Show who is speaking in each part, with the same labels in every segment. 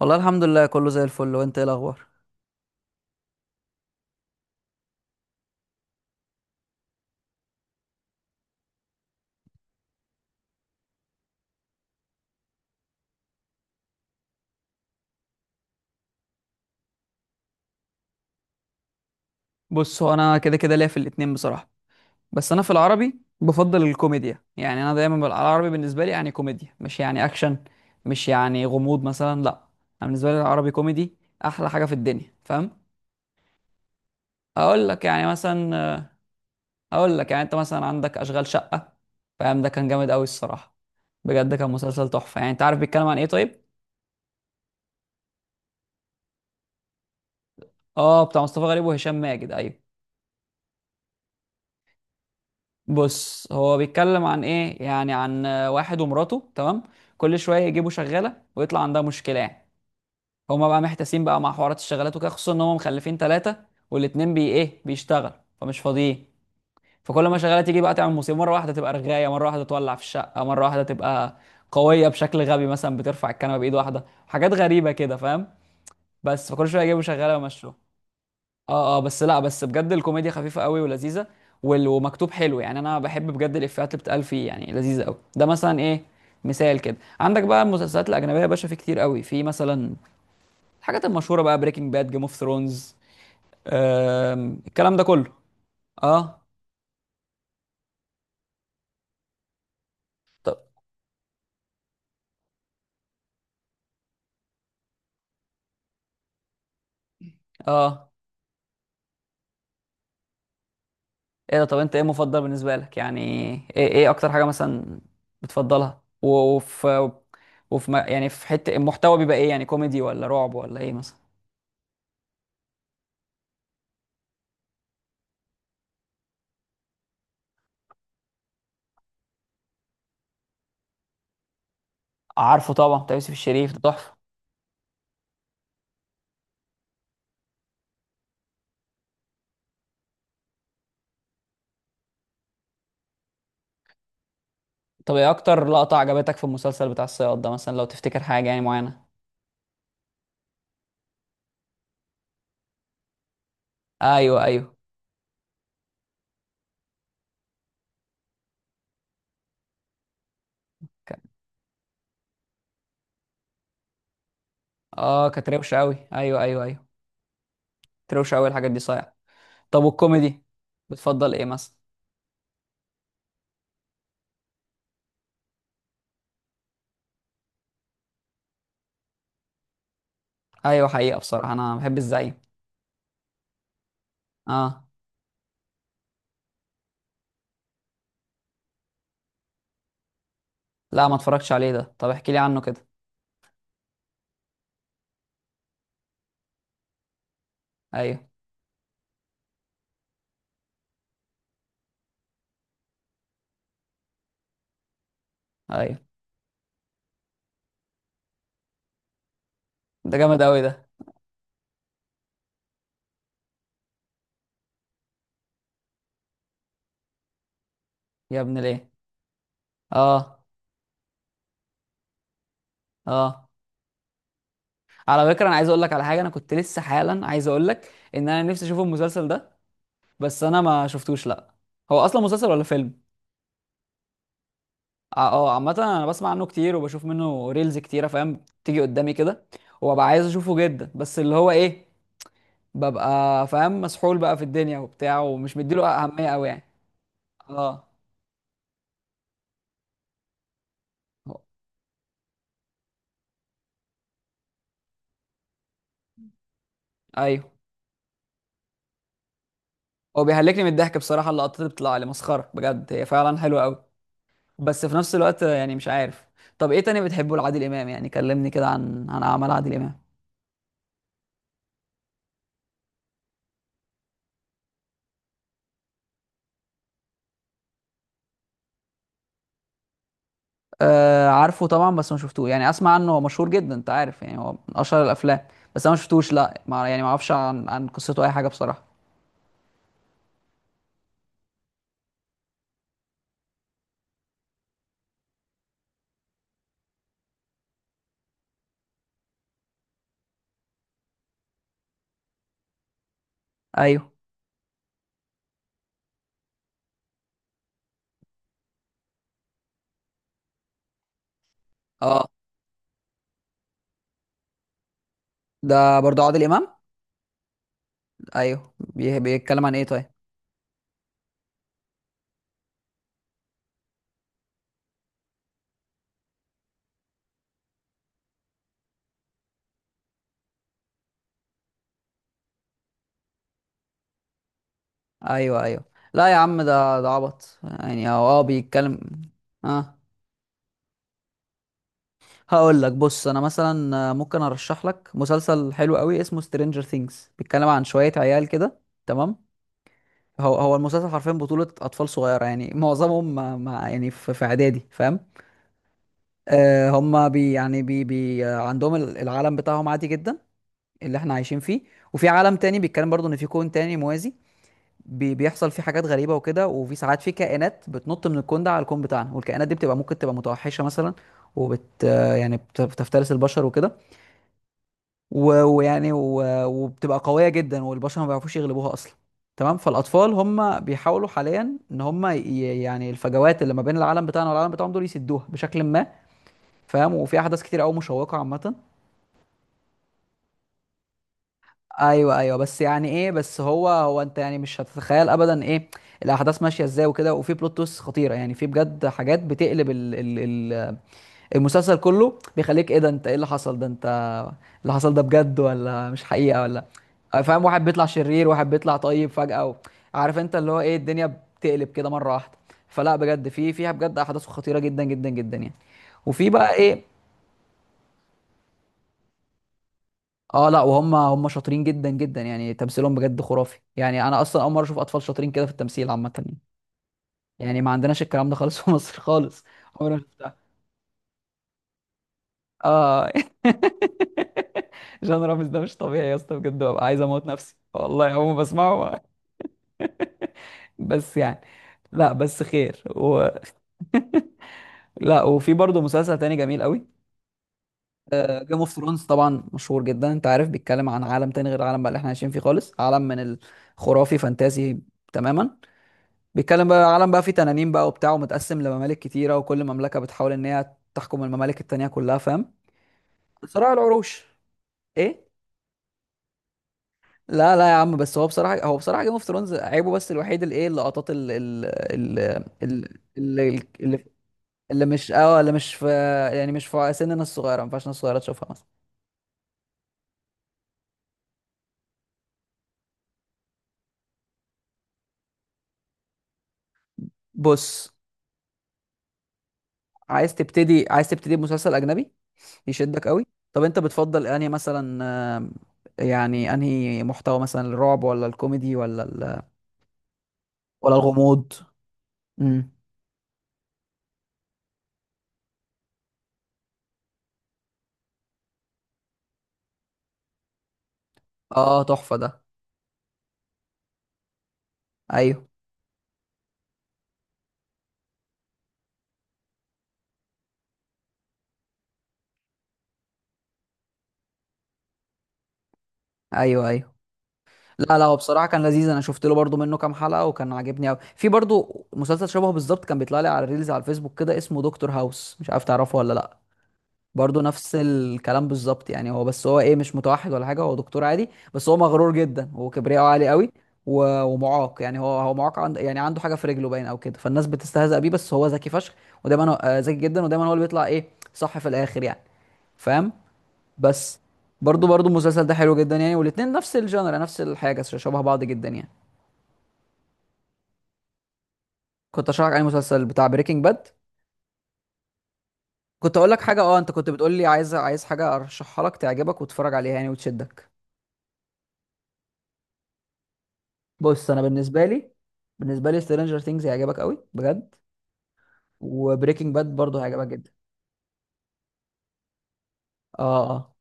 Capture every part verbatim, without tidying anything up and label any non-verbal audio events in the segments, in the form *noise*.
Speaker 1: والله الحمد لله كله زي الفل، وانت ايه الاخبار؟ بص، هو انا كده كده ليا في الاتنين بصراحه. بس انا في العربي بفضل الكوميديا. يعني انا دايما بال- العربي بالنسبه لي يعني كوميديا، مش يعني اكشن، مش يعني غموض مثلا، لا. انا بالنسبه لي العربي كوميدي، احلى حاجه في الدنيا، فاهم؟ اقول لك يعني مثلا، اقول لك، يعني انت مثلا عندك اشغال شقه، فاهم؟ ده كان جامد قوي الصراحه، بجد كان مسلسل تحفه. يعني انت عارف بيتكلم عن ايه طيب؟ اه، بتاع مصطفى غريب وهشام ماجد، ايوه. بص، هو بيتكلم عن ايه يعني؟ عن آه، واحد ومراته، تمام؟ كل شويه يجيبوا شغاله ويطلع عندها مشكله يعني. هما بقى محتاسين بقى مع حوارات الشغالات وكده، خصوصا ان هما مخلفين ثلاثه، والاتنين بي ايه بيشتغل، فمش فاضيين. فكل ما شغاله تيجي بقى تعمل مصيبه، مره واحده تبقى رغايه، مره واحده تولع في الشقه، مره واحده تبقى قويه بشكل غبي مثلا، بترفع الكنبه بايد واحده، حاجات غريبه كده فاهم. بس فكل شويه يجيبوا شغاله ويمشوا. اه اه. بس لا، بس بجد الكوميديا خفيفه قوي ولذيذه، وال- ومكتوب حلو. يعني انا بحب بجد الافيهات اللي بتقال فيه، يعني لذيذه قوي. ده مثلا ايه، مثال كده. عندك بقى المسلسلات الاجنبيه يا باشا، في كتير قوي، في مثلا الحاجات المشهوره بقى، بريكنج باد، جيم اوف ثرونز، الكلام ده كله. اه. طب اه، ايه ده؟ طب انت ايه مفضل بالنسبه لك يعني؟ ايه ايه اكتر حاجه مثلا بتفضلها؟ و- وفي، وفي ما- يعني في حته المحتوى بيبقى ايه؟ يعني كوميدي ولا رعب ولا ايه مثلا؟ عارفه طبعا، بتاع يوسف الشريف ده تحفه. طب ايه اكتر لقطة عجبتك في المسلسل بتاع الصياد ده مثلا، لو تفتكر حاجة يعني معينة؟ ايوه، ايوه. ك- اه، كانت روشة قوي، ايوه ايوه ايوه، كانت روشة قوي الحاجات دي، صحيح. طب والكوميدي بتفضل ايه مثلا؟ ايوه، حقيقة بصراحة انا بحب الزعيم. اه، لا، ما اتفرجتش عليه ده. طب احكي لي عنه كده. ايوه ايوه، ده جامد قوي ده. يا ابن ليه! اه اه. على فكرة انا عايز اقول لك على حاجة، انا كنت لسه حالا عايز اقول لك ان انا نفسي اشوف المسلسل ده، بس انا ما شفتوش لا. هو اصلا مسلسل ولا فيلم؟ ع- اه، عامة انا بسمع عنه كتير وبشوف منه ريلز كتيرة، فاهم، تيجي قدامي كده، وببقى عايز اشوفه جدا. بس اللي هو ايه، ببقى فاهم مسحول بقى في الدنيا وبتاع، ومش مديله اهمية قوي يعني. اه. هو- ايوه، هو بيهلكني من الضحك بصراحة، اللقطات اللي بتطلع لي مسخرة بجد، هي فعلا حلوة قوي. بس في نفس الوقت يعني مش عارف. طب ايه تاني بتحبه لعادل امام يعني؟ كلمني كده عن عن اعمال عادل امام. آه، عارفه طبعا، بس ما شفتوه. يعني اسمع عنه، هو مشهور جدا، انت عارف يعني، هو من اشهر الافلام، بس انا ما شفتوش لا، ما يعني ما اعرفش عن عن قصته اي حاجه بصراحه. ايوه. اه، ده برضو عادل امام؟ ايوه. بي- بيتكلم عن ايه طيب؟ ايوه ايوه. لا يا عم، ده ده عبط يعني. هو اه بيتكلم. اه، هقول لك. بص انا مثلا آه، ممكن ارشح لك مسلسل حلو قوي اسمه سترينجر ثينجز، بيتكلم عن شويه عيال كده، تمام؟ هو، هو المسلسل حرفيا بطولة أطفال صغيرة، يعني معظمهم ما ما- يعني في في إعدادي، فاهم؟ آه، هم بي يعني بي بي آه، عندهم ال- العالم بتاعهم عادي جدا، اللي احنا عايشين فيه. وفي عالم تاني، بيتكلم برضو ان في كون تاني موازي، بي بيحصل فيه حاجات غريبة وكده، وفي ساعات في كائنات بتنط من الكون ده على الكون بتاعنا، والكائنات دي بتبقى ممكن تبقى متوحشة مثلا، وبت آه، يعني بت- بتفترس البشر وكده، و- ويعني و- وبتبقى قوية جدا، والبشر ما بيعرفوش يغلبوها اصلا. تمام؟ فالاطفال هم بيحاولوا حاليا ان هم ي- يعني الفجوات اللي ما بين العالم بتاعنا والعالم بتاعهم دول يسدوها بشكل ما، فاهم؟ وفي احداث كتير قوي مشوقه عامه. ايوه ايوه. بس يعني ايه، بس هو هو انت يعني مش هتتخيل ابدا ايه الاحداث ماشيه ازاي وكده، وفي بلوت تويست خطيره، يعني في بجد حاجات بتقلب ال ال ال المسلسل كله، بيخليك ايه ده، انت ايه اللي حصل ده، انت اللي حصل ده بجد ولا مش حقيقه ولا؟ فاهم؟ واحد بيطلع شرير، واحد بيطلع طيب فجاه، و... عارف، انت اللي هو ايه الدنيا بتقلب كده مره واحده. فلا بجد، في فيها بجد احداث خطيره جدا جدا جدا يعني. وفي بقى ايه، اه، لا، وهم هم شاطرين جدا جدا، يعني تمثيلهم بجد خرافي. يعني انا اصلا اول مره اشوف اطفال شاطرين كده في التمثيل عامه يعني، يعني ما عندناش الكلام ده خالص *laughs* في مصر خالص. عمري ما شفتها. اه. *laughs* جان رامز ده مش طبيعي يا اسطى بجد، ببقى عايز اموت نفسي والله اول ما بسمعه. *laughs* بس يعني، لا بس خير و... *laughs* لا، وفي برضه مسلسل تاني جميل قوي، جيم اوف ثرونز، طبعا مشهور جدا. انت عارف، بيتكلم عن عالم تاني غير العالم بقى اللي احنا عايشين فيه خالص، عالم من الخرافي، فانتازي تماما. بيتكلم بقى، العالم بقى فيه تنانين بقى وبتاع، ومتقسم لممالك كتيرة، وكل مملكة بتحاول ان هي تحكم الممالك التانية كلها، فاهم؟ صراع العروش. ايه؟ لا لا يا عم، بس هو بصراحة، هو بصراحة جيم اوف ثرونز عيبه بس الوحيد اللي ايه، اللقطات ال ال ال ال اللي, اللي, اللي مش اه، اللي مش في، يعني مش في سننا الصغيرة، ما ينفعش الناس الصغيرة تشوفها مثلا. بص، عايز تبتدي عايز تبتدي بمسلسل أجنبي يشدك قوي؟ طب انت بتفضل انهي مثلا؟ آم، يعني انهي محتوى مثلا، الرعب ولا الكوميدي ولا ولا الغموض؟ امم، اه، تحفة ده. ايوه ايوه ايوه. لا لا، هو بصراحة كان لذيذ، انا شفت له برضو منه كام حلقة وكان عاجبني قوي. في برضو مسلسل شبهه بالظبط، كان بيطلع لي على الريلز على الفيسبوك كده، اسمه دكتور هاوس، مش عارف تعرفه ولا لا. برضو نفس الكلام بالظبط يعني. هو بس، هو ايه، مش متوحد ولا حاجة، هو دكتور عادي، بس هو مغرور جدا وكبرياءه عالي قوي، و- ومعاق. يعني هو، هو معاق، عند يعني عنده حاجة في رجله باين او كده، فالناس بتستهزأ بيه، بس هو ذكي فشخ، ودايما هو- آه، ذكي جدا، ودايما هو اللي بيطلع ايه، صح في الاخر يعني، فاهم؟ بس برضو، برضو المسلسل ده حلو جدا يعني، والاتنين نفس الجانرا، نفس الحاجه، ش- شبه بعض جدا يعني. كنت اشرح عليه مسلسل بتاع بريكنج باد، كنت اقول لك حاجه. اه، انت كنت بتقول لي عايز، عايز حاجه ارشحها لك تعجبك وتتفرج عليها يعني وتشدك. بص انا بالنسبه لي، بالنسبه لي سترينجر ثينجز هيعجبك قوي بجد، وبريكنج باد برضو هيعجبك جدا. اه. اه.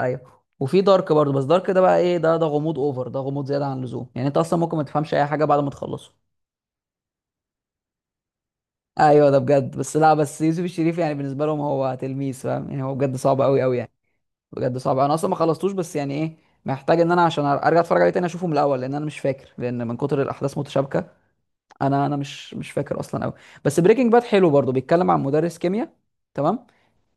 Speaker 1: ايوه، وفي دارك برضو، بس دارك ده بقى ايه، ده ده غموض اوفر، ده غموض زياده عن اللزوم، يعني انت اصلا ممكن ما تفهمش اي حاجه بعد ما تخلصه. ايوه ده بجد. بس لا بس يوسف الشريف يعني بالنسبه لهم هو تلميذ، فاهم؟ يعني هو بجد صعب قوي قوي يعني، بجد صعب. انا اصلا ما خلصتوش. بس يعني ايه، محتاج ان انا عشان ارجع اتفرج عليه تاني اشوفه من الاول، لان انا مش فاكر، لان من كتر الاحداث متشابكه، انا انا مش مش فاكر اصلا قوي. بس بريكنج باد حلو برضه، بيتكلم عن مدرس كيمياء، تمام؟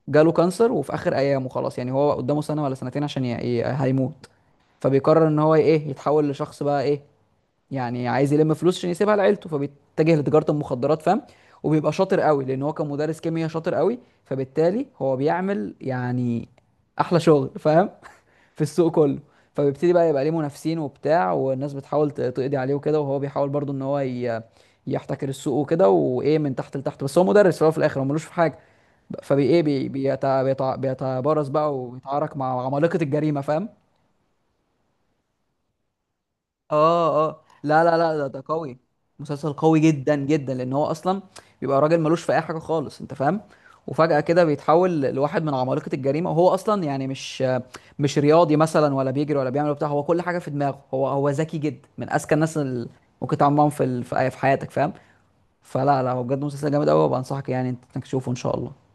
Speaker 1: جاله كانسر، وفي اخر ايامه خلاص، يعني هو قدامه سنه ولا سنتين عشان ي... ي... هيموت. فبيقرر ان هو ايه، يتحول لشخص بقى ايه، يعني عايز يلم فلوس عشان يسيبها لعيلته، فبيتجه لتجارة المخدرات، فاهم؟ وبيبقى شاطر قوي لان هو كان مدرس كيمياء شاطر قوي، فبالتالي هو بيعمل يعني احلى شغل، فاهم؟ *laughs* في السوق كله. فبيبتدي بقى يبقى ليه منافسين وبتاع، والناس بتحاول ت- تقضي عليه وكده، وهو بيحاول برضو ان هو ي... يحتكر السوق وكده، وايه من تحت لتحت. بس هو مدرس في الأول، وفي الاخر هو ملوش في حاجه، فبي ايه بي... بيت... بيت... بيتبارز بقى وبيتعارك مع عمالقه الجريمه، فاهم؟ اه اه. لا لا لا، ده ده قوي، مسلسل قوي جدا جدا، لان هو اصلا بيبقى راجل ملوش في اي حاجه خالص، انت فاهم؟ وفجاه كده بيتحول لواحد من عمالقه الجريمه، وهو اصلا يعني مش، مش رياضي مثلا ولا بيجري ولا بيعمل بتاع، هو كل حاجه في دماغه. هو، هو ذكي جدا، من اذكى الناس اللي ممكن تتعامل معاهم في ال- في في حياتك، فاهم؟ فلا لا، هو بجد مسلسل جامد قوي، وبنصحك يعني انت إنك تشوفه ان شاء الله.